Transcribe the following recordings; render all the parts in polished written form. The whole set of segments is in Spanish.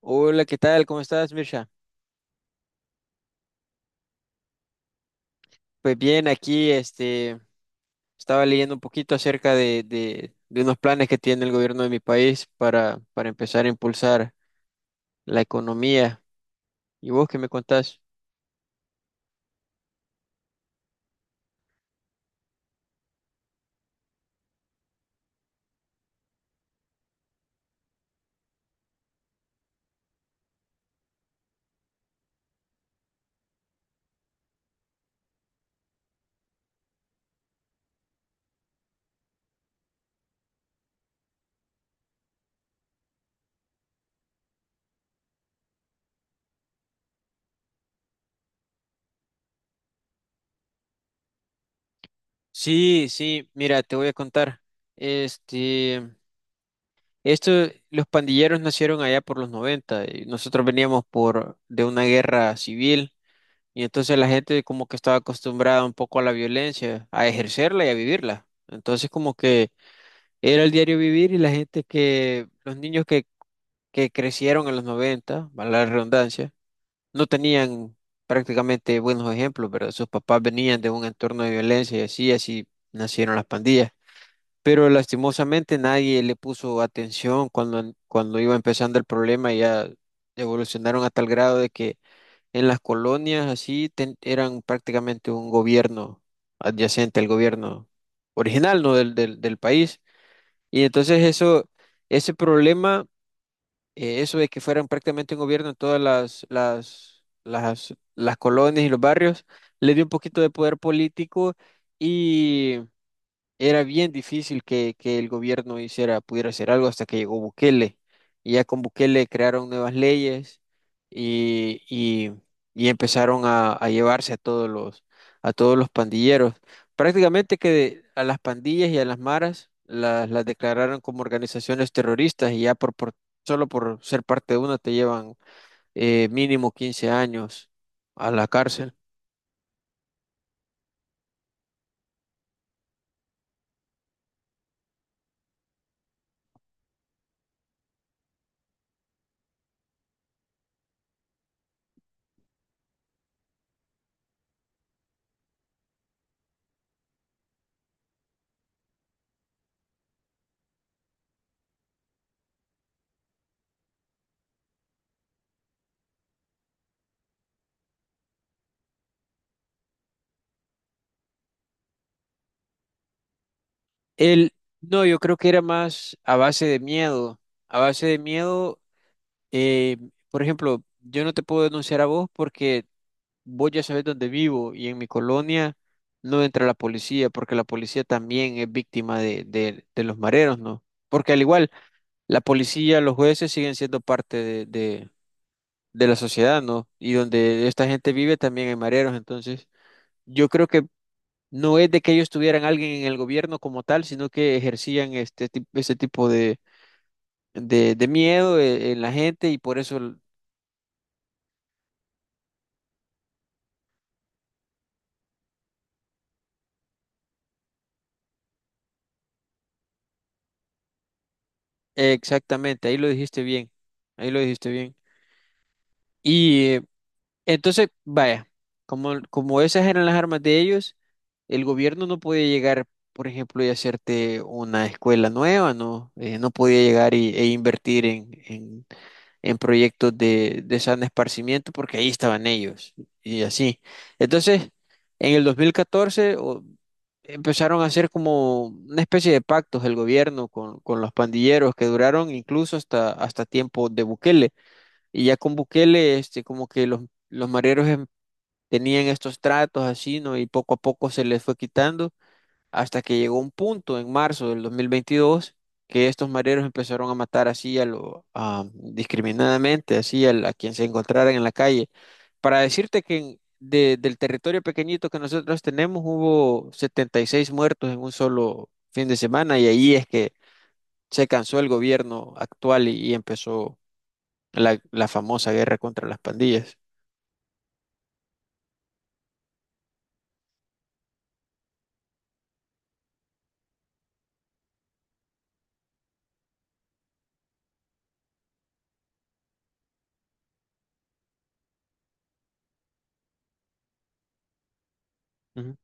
Hola, ¿qué tal? ¿Cómo estás, Mirsha? Pues bien, aquí estaba leyendo un poquito acerca de unos planes que tiene el gobierno de mi país para empezar a impulsar la economía. ¿Y vos qué me contás? Sí, sí, mira, te voy a contar. Este, esto, los pandilleros nacieron allá por los 90. Y nosotros veníamos por de una guerra civil y entonces la gente como que estaba acostumbrada un poco a la violencia, a ejercerla y a vivirla. Entonces como que era el diario vivir y la gente que, los niños que crecieron en los 90, valga la redundancia, no tenían prácticamente buenos ejemplos, ¿verdad? Sus papás venían de un entorno de violencia y así nacieron las pandillas. Pero lastimosamente nadie le puso atención cuando iba empezando el problema, ya evolucionaron a tal grado de que en las colonias así eran prácticamente un gobierno adyacente al gobierno original, ¿no? del país. Y entonces eso, ese problema, eso de que fueran prácticamente un gobierno en todas las colonias y los barrios, le dio un poquito de poder político y era bien difícil que el gobierno hiciera, pudiera hacer algo hasta que llegó Bukele. Y ya con Bukele crearon nuevas leyes y, y, y empezaron a llevarse a a todos los pandilleros. Prácticamente que a las pandillas y a las maras las declararon como organizaciones terroristas y ya solo por ser parte de una te llevan mínimo 15 años a la cárcel. El, no, yo creo que era más a base de miedo. Eh, por ejemplo, yo no te puedo denunciar a vos porque vos ya sabés dónde vivo y en mi colonia no entra la policía porque la policía también es víctima de los mareros, ¿no? Porque al igual, la policía, los jueces siguen siendo parte de la sociedad, ¿no? Y donde esta gente vive también hay mareros, entonces yo creo que no es de que ellos tuvieran alguien en el gobierno como tal, sino que ejercían ese tipo de miedo en la gente y por eso. Exactamente, ahí lo dijiste bien, ahí lo dijiste bien. Y entonces, vaya, como esas eran las armas de ellos, el gobierno no podía llegar, por ejemplo, y hacerte una escuela nueva, ¿no? No podía llegar e invertir en proyectos de sano esparcimiento porque ahí estaban ellos y así. Entonces, en el 2014 empezaron a hacer como una especie de pactos el gobierno con los pandilleros que duraron incluso hasta tiempo de Bukele. Y ya con Bukele, como que los mareros tenían estos tratos así, ¿no? Y poco a poco se les fue quitando hasta que llegó un punto en marzo del 2022 que estos mareros empezaron a matar así a lo discriminadamente, así a quien se encontraran en la calle. Para decirte que del territorio pequeñito que nosotros tenemos hubo 76 muertos en un solo fin de semana y ahí es que se cansó el gobierno actual y empezó la famosa guerra contra las pandillas. Ujú.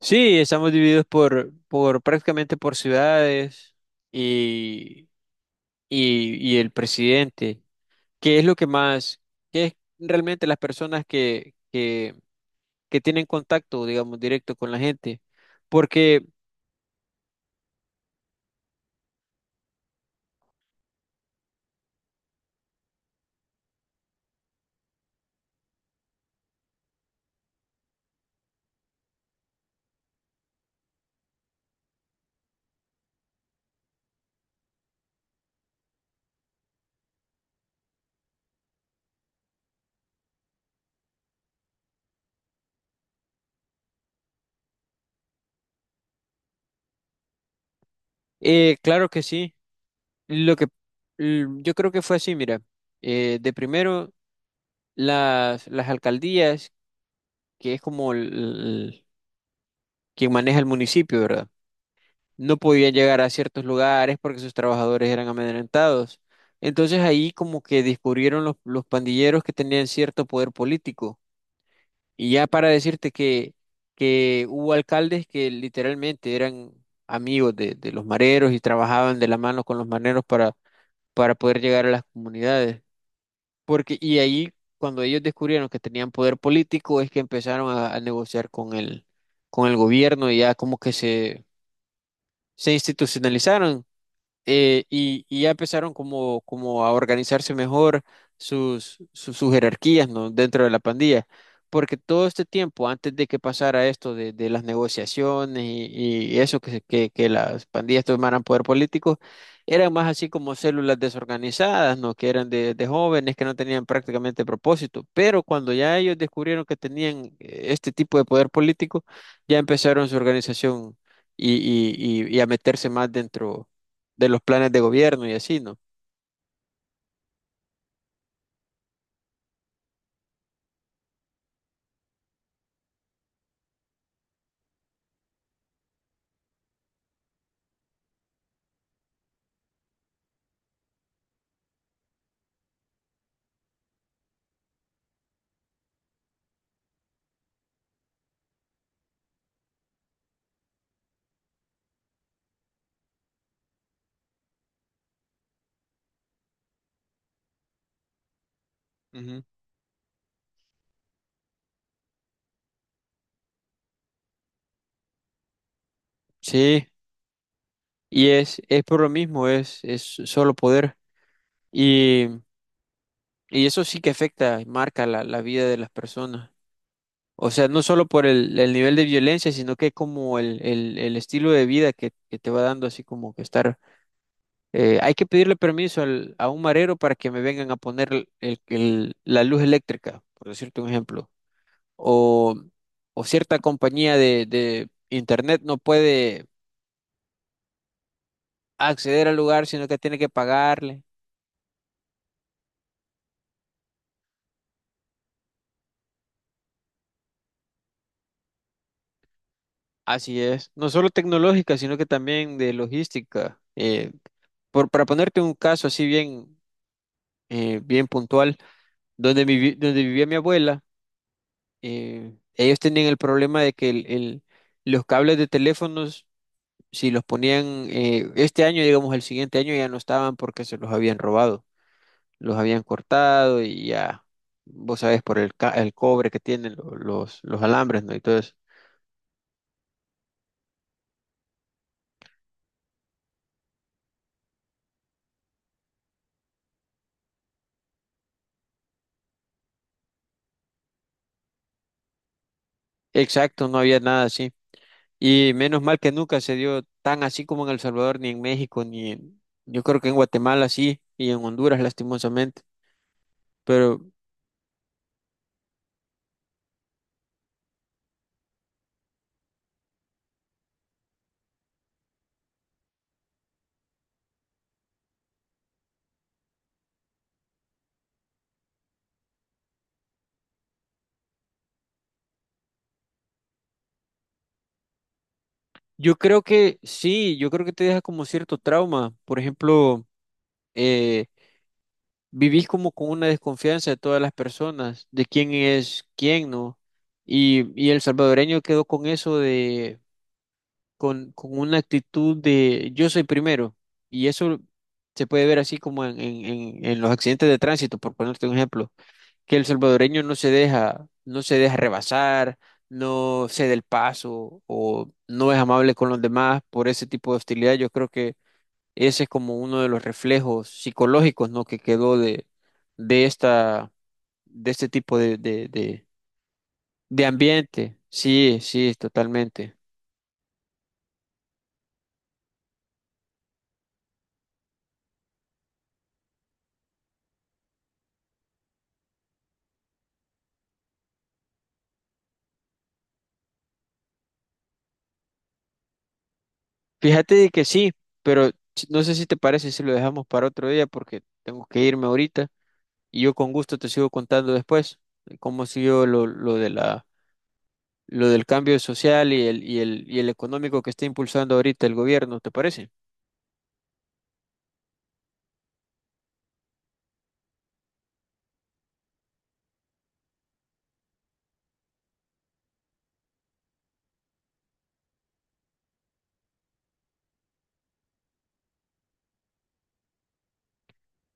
Sí, estamos divididos por prácticamente por ciudades y y el presidente. ¿Qué es lo que más, qué es realmente las personas que tienen contacto, digamos, directo con la gente? Porque, claro que sí, lo que yo creo que fue así, mira, de primero las alcaldías, que es como quien maneja el municipio, ¿verdad? No podían llegar a ciertos lugares porque sus trabajadores eran amedrentados. Entonces ahí como que descubrieron los pandilleros que tenían cierto poder político. Y ya para decirte que hubo alcaldes que literalmente eran amigos de los mareros y trabajaban de la mano con los mareros para poder llegar a las comunidades. Porque, y ahí, cuando ellos descubrieron que tenían poder político, es que empezaron a negociar con el gobierno y ya como que se institucionalizaron y ya empezaron como a organizarse mejor sus jerarquías, ¿no? dentro de la pandilla. Porque todo este tiempo, antes de que pasara esto de las negociaciones y eso, que las pandillas tomaran poder político, eran más así como células desorganizadas, ¿no? que eran de jóvenes que no tenían prácticamente propósito. Pero cuando ya ellos descubrieron que tenían este tipo de poder político, ya empezaron su organización y, y a meterse más dentro de los planes de gobierno y así, ¿no? Ujú. Sí, y es por lo mismo, es solo poder. Y, y eso sí que afecta y marca la vida de las personas. O sea, no solo por el nivel de violencia, sino que como el estilo de vida que te va dando, así como que estar. Hay que pedirle permiso a un marero para que me vengan a poner la luz eléctrica, por decirte un ejemplo. O, o cierta compañía de internet no puede acceder al lugar, sino que tiene que pagarle. Así es. No solo tecnológica, sino que también de logística. Para ponerte un caso así bien, bien puntual, donde vivía mi abuela, ellos tenían el problema de que los cables de teléfonos, si los ponían este año, digamos el siguiente año, ya no estaban porque se los habían robado, los habían cortado y ya, vos sabés, por el cobre que tienen los alambres, ¿no? Y todo eso. Exacto, no había nada así. Y menos mal que nunca se dio tan así como en El Salvador, ni en México, ni en, yo creo que en Guatemala sí, y en Honduras lastimosamente. Pero yo creo que sí, yo creo que te deja como cierto trauma. Por ejemplo, eh, vivís como con una desconfianza de todas las personas, de quién es quién, ¿no? Y el salvadoreño quedó con eso con una actitud de yo soy primero. Y eso se puede ver así como en, en los accidentes de tránsito, por ponerte un ejemplo que el salvadoreño no se deja rebasar, no cede el paso o no es amable con los demás por ese tipo de hostilidad. Yo creo que ese es como uno de los reflejos psicológicos, ¿no? que quedó de esta, de este tipo de ambiente. Sí, sí, totalmente. Fíjate de que sí, pero no sé si te parece si lo dejamos para otro día porque tengo que irme ahorita y yo con gusto te sigo contando después cómo siguió lo de la lo del cambio social y el económico que está impulsando ahorita el gobierno, ¿te parece?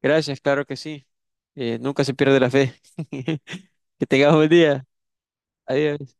Gracias, claro que sí. Nunca se pierde la fe. Que tengas un buen día. Adiós.